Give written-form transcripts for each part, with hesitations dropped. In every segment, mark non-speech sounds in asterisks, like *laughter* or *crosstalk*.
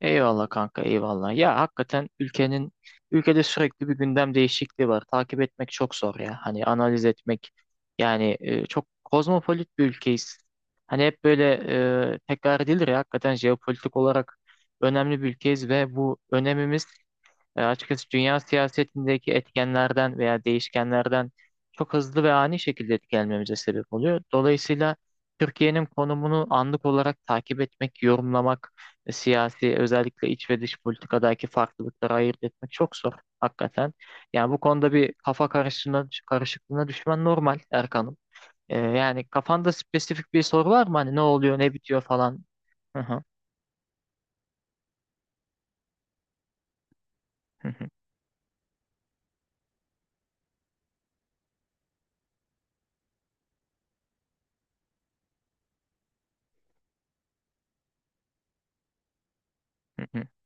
Eyvallah kanka eyvallah. Ya hakikaten ülkede sürekli bir gündem değişikliği var. Takip etmek çok zor ya. Hani analiz etmek yani çok kozmopolit bir ülkeyiz. Hani hep böyle tekrar edilir ya hakikaten jeopolitik olarak önemli bir ülkeyiz ve bu önemimiz açıkçası dünya siyasetindeki etkenlerden veya değişkenlerden çok hızlı ve ani şekilde etkilenmemize sebep oluyor. Dolayısıyla Türkiye'nin konumunu anlık olarak takip etmek, yorumlamak, siyasi özellikle iç ve dış politikadaki farklılıkları ayırt etmek çok zor hakikaten. Yani bu konuda bir kafa karışıklığına düşmen normal Erkan'ım. Yani kafanda spesifik bir soru var mı? Hani ne oluyor, ne bitiyor falan? Hı hı. *laughs*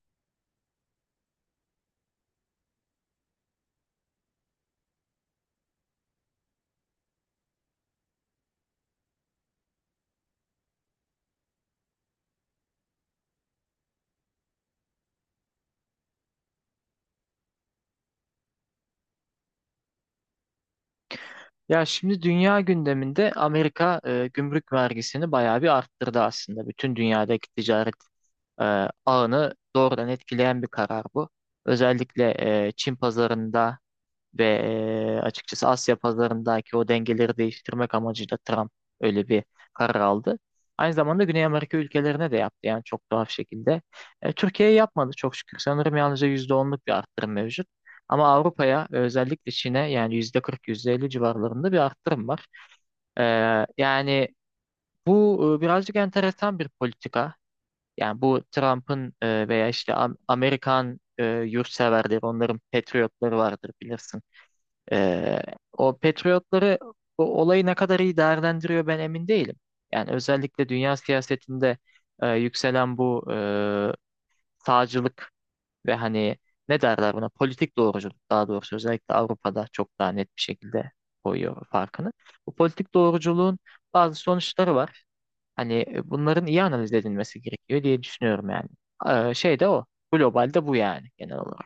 Ya şimdi dünya gündeminde Amerika gümrük vergisini bayağı bir arttırdı aslında. Bütün dünyadaki ticaret e, ağını doğrudan etkileyen bir karar bu. Özellikle Çin pazarında ve açıkçası Asya pazarındaki o dengeleri değiştirmek amacıyla Trump öyle bir karar aldı. Aynı zamanda Güney Amerika ülkelerine de yaptı yani çok tuhaf şekilde. Türkiye'ye yapmadı çok şükür. Sanırım yalnızca %10'luk bir arttırım mevcut. Ama Avrupa'ya özellikle Çin'e yani %40 yüzde elli civarlarında bir arttırım var. E, yani bu birazcık enteresan bir politika. Yani bu Trump'ın veya işte Amerikan yurtseverleri, onların patriotları vardır bilirsin. Ee, O patriotları bu olayı ne kadar iyi değerlendiriyor ben emin değilim. Yani özellikle dünya siyasetinde yükselen bu sağcılık ve hani ne derler buna politik doğruculuk daha doğrusu özellikle Avrupa'da çok daha net bir şekilde koyuyor farkını. Bu politik doğruculuğun bazı sonuçları var. Hani bunların iyi analiz edilmesi gerekiyor diye düşünüyorum yani. Şey de o. Globalde bu yani genel olarak.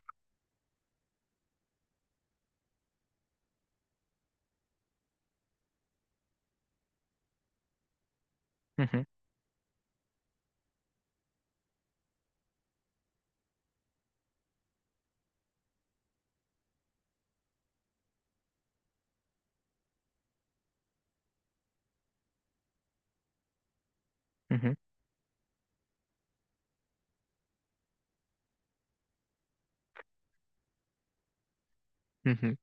Hı hı, hı hı,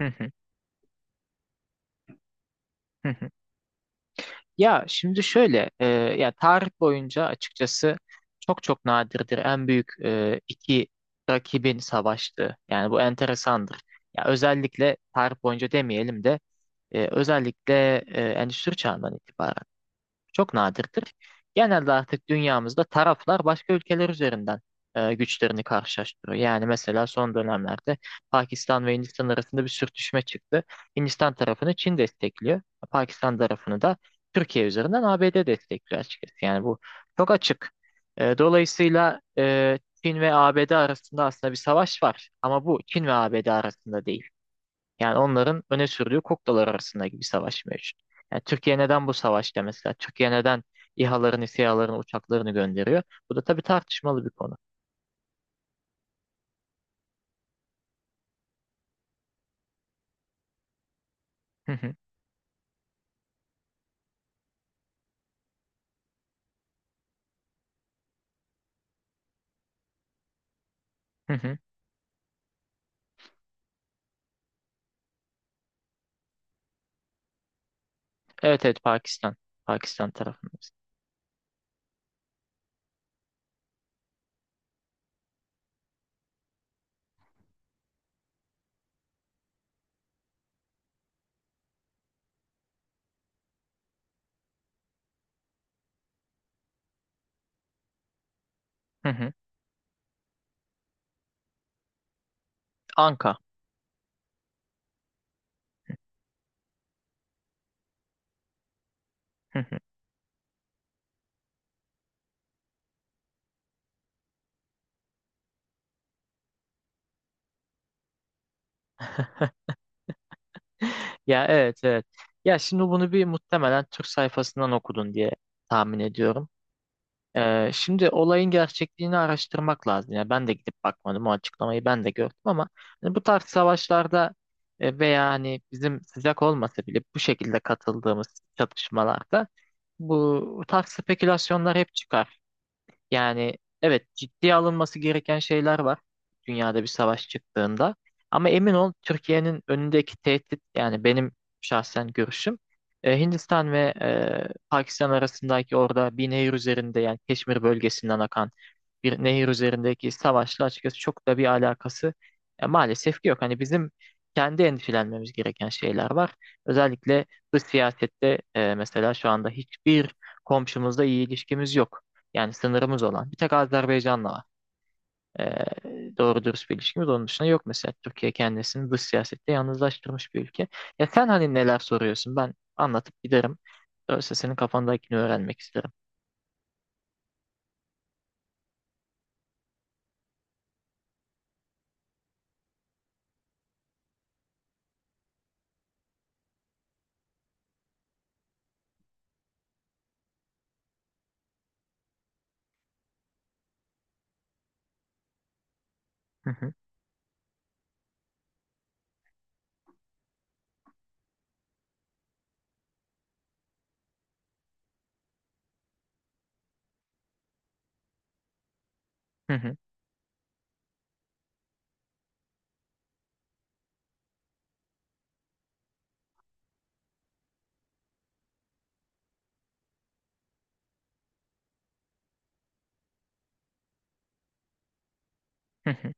hı hı, hı hı. Ya şimdi şöyle, ya tarih boyunca açıkçası çok çok nadirdir en büyük iki rakibin savaştığı. Yani bu enteresandır. Ya özellikle tarih boyunca demeyelim de özellikle Endüstri Çağı'ndan itibaren çok nadirdir. Genelde artık dünyamızda taraflar başka ülkeler üzerinden güçlerini karşılaştırıyor. Yani mesela son dönemlerde Pakistan ve Hindistan arasında bir sürtüşme çıktı. Hindistan tarafını Çin destekliyor. Pakistan tarafını da Türkiye üzerinden ABD destekliyor açıkçası. Yani bu çok açık. Dolayısıyla Çin ve ABD arasında aslında bir savaş var. Ama bu Çin ve ABD arasında değil. Yani onların öne sürdüğü kuklalar arasındaki bir savaş mevcut. Yani Türkiye neden bu savaşta mesela? Türkiye neden İHA'larını, SİHA'larını, uçaklarını gönderiyor? Bu da tabii tartışmalı bir konu. Hı hı, hı hı. Evet evet Pakistan. Pakistan tarafındayız. Hı hı. Anka. Hı hı. *laughs* Ya evet evet. Ya şimdi bunu bir muhtemelen Türk sayfasından okudun diye tahmin ediyorum. Şimdi olayın gerçekliğini araştırmak lazım. Yani ben de gidip bakmadım. O açıklamayı ben de gördüm ama hani bu tarz savaşlarda veya hani bizim sıcak olmasa bile bu şekilde katıldığımız çatışmalarda bu tarz spekülasyonlar hep çıkar. Yani evet ciddiye alınması gereken şeyler var dünyada bir savaş çıktığında. Ama emin ol Türkiye'nin önündeki tehdit yani benim şahsen görüşüm Hindistan ve Pakistan arasındaki orada bir nehir üzerinde yani Keşmir bölgesinden akan bir nehir üzerindeki savaşla açıkçası çok da bir alakası maalesef ki yok. Hani bizim kendi endişelenmemiz gereken şeyler var. Özellikle dış siyasette mesela şu anda hiçbir komşumuzla iyi ilişkimiz yok. Yani sınırımız olan. Bir tek Azerbaycan'la var. Doğru dürüst bir ilişkimiz. Onun dışında yok mesela. Türkiye kendisini dış siyasette yalnızlaştırmış bir ülke. Ya sen hani neler soruyorsun? Ben anlatıp giderim. Öyleyse senin kafandakini öğrenmek isterim. Hı hı, hı hı, hı hı.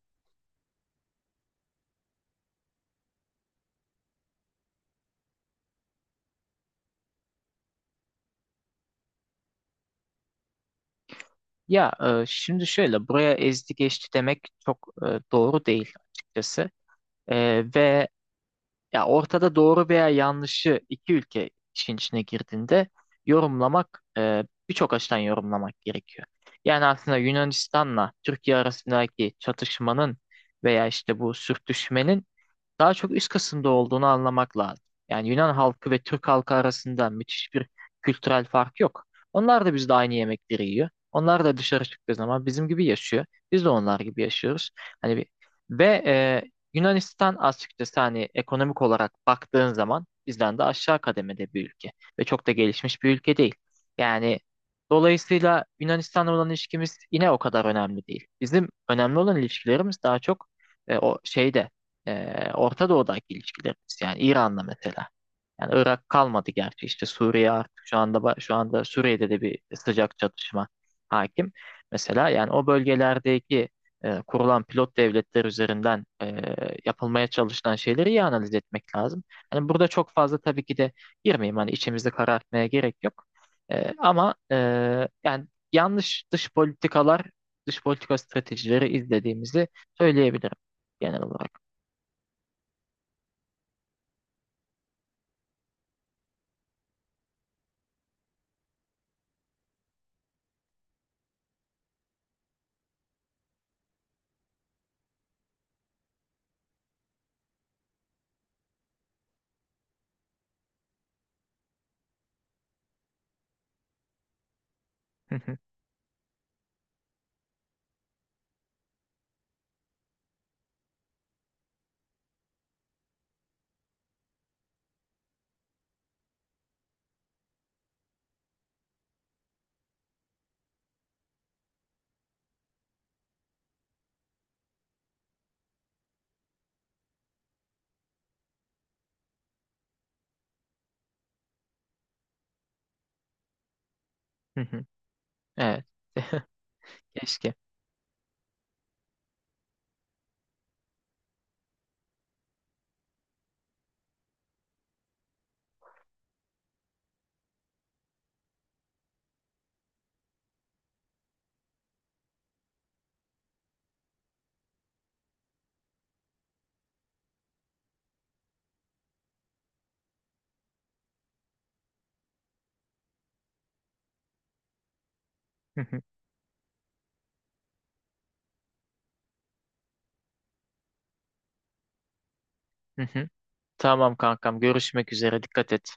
Ya şimdi şöyle buraya ezdi geçti demek çok doğru değil açıkçası. Ve ya ortada doğru veya yanlışı iki ülke işin içine girdiğinde yorumlamak birçok açıdan yorumlamak gerekiyor. Yani aslında Yunanistan'la Türkiye arasındaki çatışmanın veya işte bu sürtüşmenin daha çok üst kısımda olduğunu anlamak lazım. Yani Yunan halkı ve Türk halkı arasında müthiş bir kültürel fark yok. Onlar da bizde aynı yemekleri yiyor. Onlar da dışarı çıktığı zaman bizim gibi yaşıyor. Biz de onlar gibi yaşıyoruz. Hani ve Yunanistan açıkçası hani ekonomik olarak baktığın zaman bizden de aşağı kademede bir ülke ve çok da gelişmiş bir ülke değil. Yani dolayısıyla Yunanistan'la olan ilişkimiz yine o kadar önemli değil. Bizim önemli olan ilişkilerimiz daha çok o şeyde Orta Doğu'daki ilişkilerimiz yani İran'la mesela. Yani Irak kalmadı gerçi işte Suriye artık şu anda şu anda Suriye'de de bir sıcak çatışma hakim. Mesela yani o bölgelerdeki kurulan pilot devletler üzerinden yapılmaya çalışılan şeyleri iyi analiz etmek lazım. Hani burada çok fazla tabii ki de girmeyeyim hani içimizi karartmaya gerek yok. Ama yani yanlış dış politikalar, dış politika stratejileri izlediğimizi söyleyebilirim genel olarak. Hı hı, hı hı. Evet. *laughs* Keşke. Hı hı, hı hı. Tamam kankam görüşmek üzere dikkat et.